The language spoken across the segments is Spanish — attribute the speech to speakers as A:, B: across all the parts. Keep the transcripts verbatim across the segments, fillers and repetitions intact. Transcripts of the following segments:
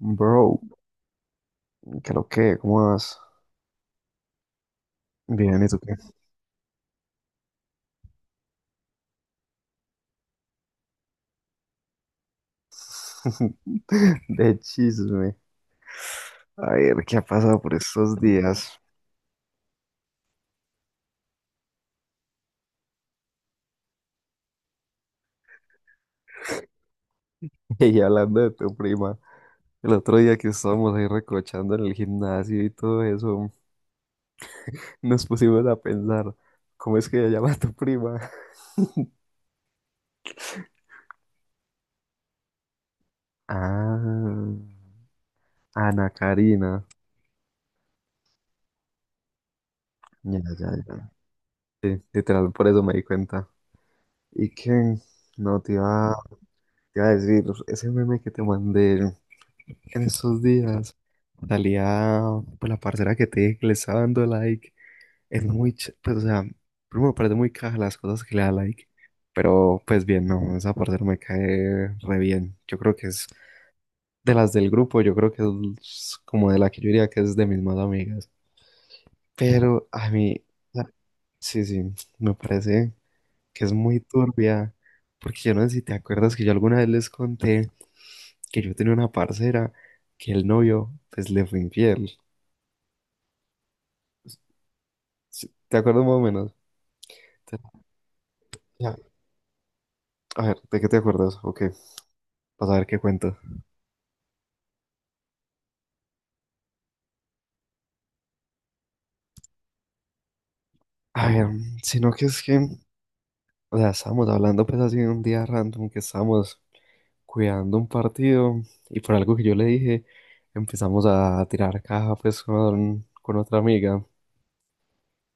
A: Bro, creo que, ¿cómo vas? Bien, ¿y tú qué? De chisme. A ver, ¿qué ha pasado por estos días? Y hablando de tu prima, el otro día que estábamos ahí recochando en el gimnasio y todo eso, nos pusimos a pensar, ¿cómo es que ella llama a tu prima? Ah, Ana Karina. Ya, ya, ya. Sí, literal, por eso me di cuenta. ¿Y qué? No, te iba, te iba a decir, ese meme que te mandé. En esos días salía pues la parcera que te dije que le estaba dando like. Es muy, ch- pues o sea, primero me parece muy caja las cosas que le da like. Pero pues bien, no, esa parcera me cae re bien. Yo creo que es de las del grupo, yo creo que es como de la que yo diría que es de mis más amigas. Pero a mí, la- sí, sí, me parece que es muy turbia. Porque yo no sé si te acuerdas que yo alguna vez les conté que yo tenía una parcera que el novio pues le fue infiel. Sí, ¿te acuerdas más o menos? Te- ya, a ver, ¿de qué te acuerdas? Ok, para saber qué cuento. A ver, sino que es que, o sea, estábamos hablando pues así un día random que estábamos cuidando un partido y por algo que yo le dije empezamos a tirar caja pues con, con otra amiga.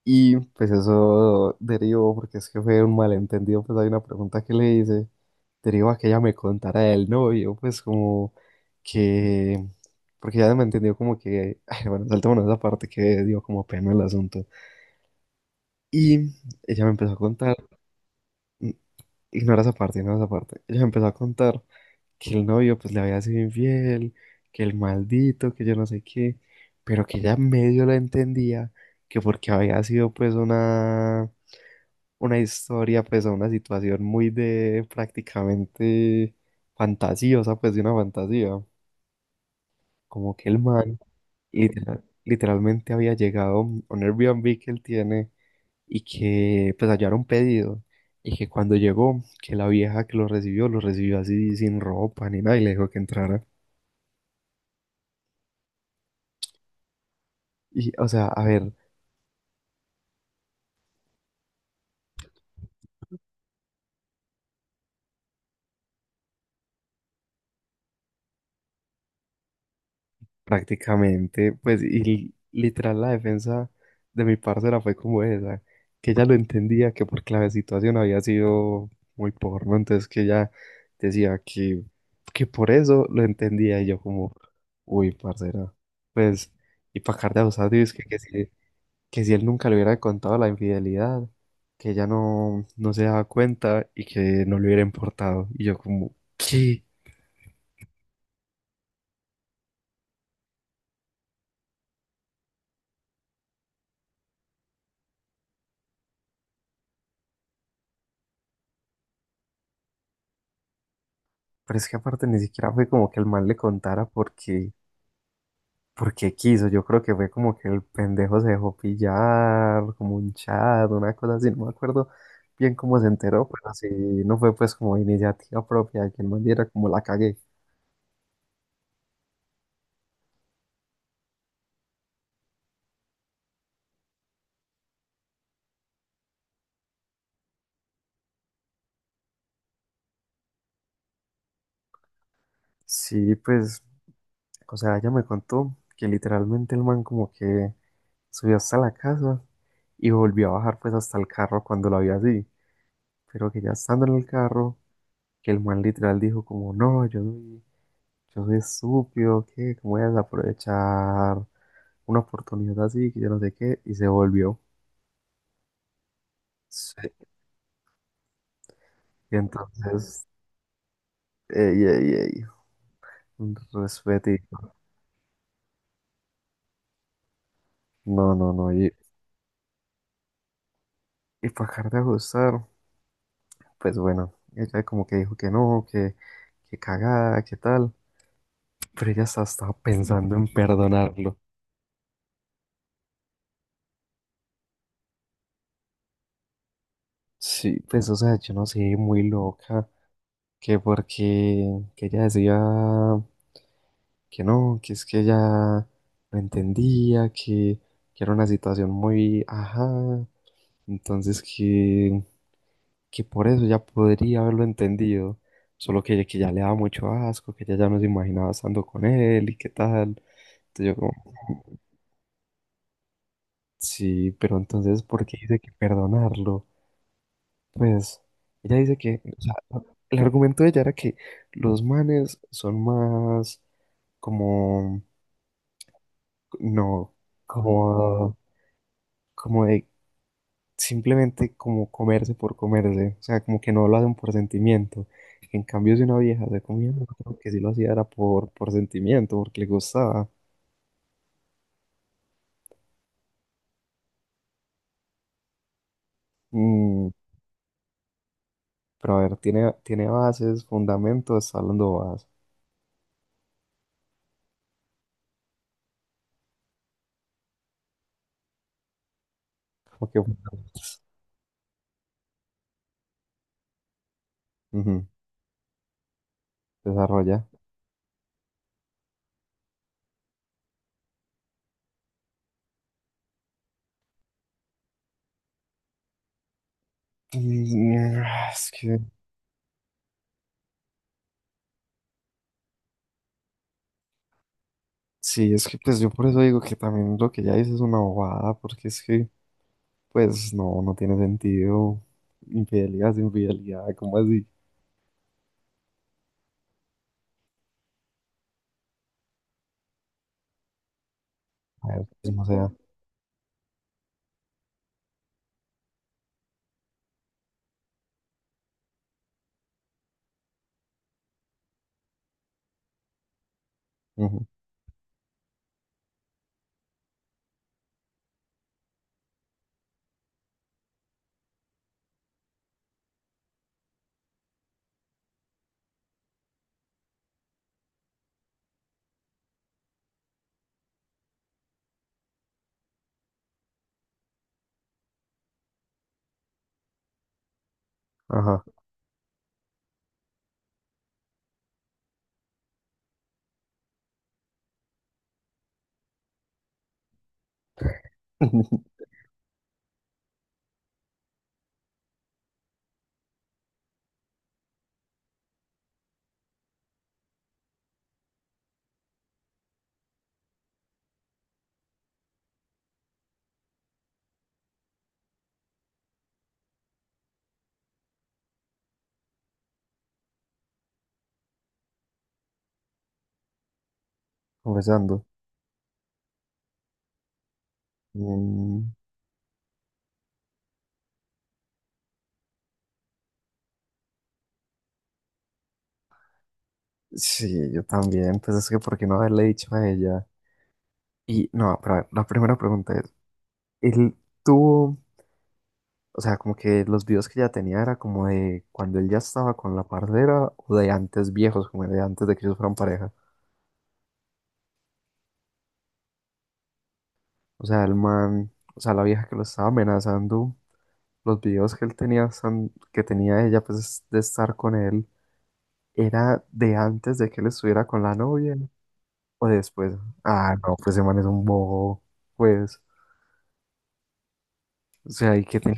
A: Y pues eso derivó, porque es que fue un malentendido, pues hay una pregunta que le hice, derivó a que ella me contara del novio, pues como que, porque ya me entendió como que, ay, bueno, saltémonos esa parte que dio como pena el asunto. Y ella me empezó a contar, n- ignora esa parte, ignora esa parte, ella me empezó a contar que el novio pues le había sido infiel, que el maldito, que yo no sé qué, pero que ella medio la entendía, que porque había sido pues una una historia, pues, o una situación muy de prácticamente fantasiosa, pues, de una fantasía. Como que el man literal- literalmente había llegado a un Airbnb que él tiene y que, pues, allá era un pedido. Y que cuando llegó, que la vieja que lo recibió, lo recibió así sin ropa ni nada y le dijo que entrara. Y, o sea, a ver. Prácticamente, pues, y literal la defensa de mi parcera fue como esa, que ella lo entendía que por clave situación había sido muy porno, entonces que ella decía que, que por eso lo entendía, y yo como, uy, parcera, pues, y para acá de abusado, y es que, que si, que si él nunca le hubiera contado la infidelidad, que ella no, no se daba cuenta y que no le hubiera importado, y yo como, ¿qué? Pero es que aparte ni siquiera fue como que el mal le contara porque porque quiso, yo creo que fue como que el pendejo se dejó pillar, como un chat, una cosa así, no me acuerdo bien cómo se enteró, pero sí, no fue pues como iniciativa propia de que el man diera como la cagué. Sí, pues, o sea, ella me contó que literalmente el man como que subió hasta la casa y volvió a bajar pues hasta el carro cuando lo vio así, pero que ya estando en el carro, que el man literal dijo como, no, yo soy yo. Entonces supo que cómo iban a aprovechar una oportunidad así, que yo no sé qué, y se volvió. Sí. Y entonces, ey, ey, ey, un respetito. No, no, no. Y, y para acabar de ajustar, pues bueno, ella como que dijo que no, que, que cagada, que tal. Pero ella hasta estaba pensando en perdonarlo. Sí, pues o sea, yo no sé, muy loca, que porque que ella decía, que no, que es que ella no entendía, que, que era una situación muy, ajá, entonces que, que por eso ya podría haberlo entendido, solo que, que ya le daba mucho asco, que ella ya no se imaginaba estando con él y qué tal. Entonces yo como, sí, pero entonces, ¿por qué dice que perdonarlo? Pues ella dice que, o sea, no, el argumento de ella era que los manes son más como, no, como como de simplemente como comerse por comerse, o sea, como que no lo hacen por sentimiento. En cambio, si una vieja se comía, uno, creo que sí lo hacía era por, por sentimiento, porque le gustaba. Mm, pero a ver, tiene, tiene bases, fundamentos, está hablando bases. Como que fundamentos. Ujú, desarrolla. Y, ah, es que, sí, es que pues yo por eso digo que también lo que ya dices es una bobada, porque es que, pues no, no tiene sentido. Infidelidad es infidelidad, ¿cómo así? A ver, pues, no sea. Ujú, ajá. Comenzando. Mm, sí, yo también. Pues es que, ¿por qué no haberle dicho a ella? Y no, pero a ver, la primera pregunta es, él tuvo, o sea, como que los videos que ella tenía era como de cuando él ya estaba con la parcera o de antes viejos, como de antes de que ellos fueran pareja. O sea, el man, o sea, la vieja que lo estaba amenazando, los videos que él tenía, son- que tenía ella, pues de estar con él, era de antes de que él estuviera con la novia. O después, ah, no, pues ese man es un bobo, pues, o sea, ¿y qué, ten-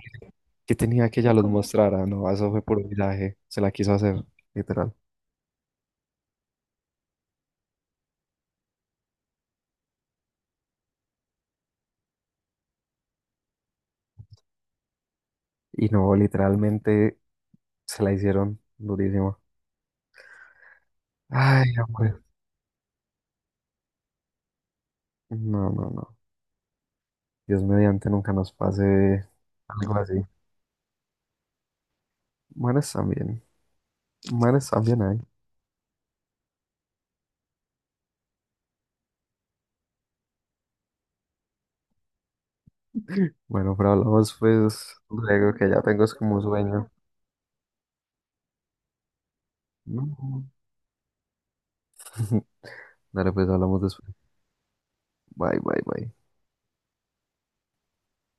A: qué tenía que ella los mostrara? No, eso fue por un viaje, se la quiso hacer, literal. Y no, literalmente se la hicieron durísimo. Ay, hombre, no, no, no, Dios mediante nunca nos pase algo así. Manes también, manes también hay. Bueno, pero hablamos pues luego que ya tengo es como un sueño. No. Dale, pues hablamos después. Bye, bye, bye.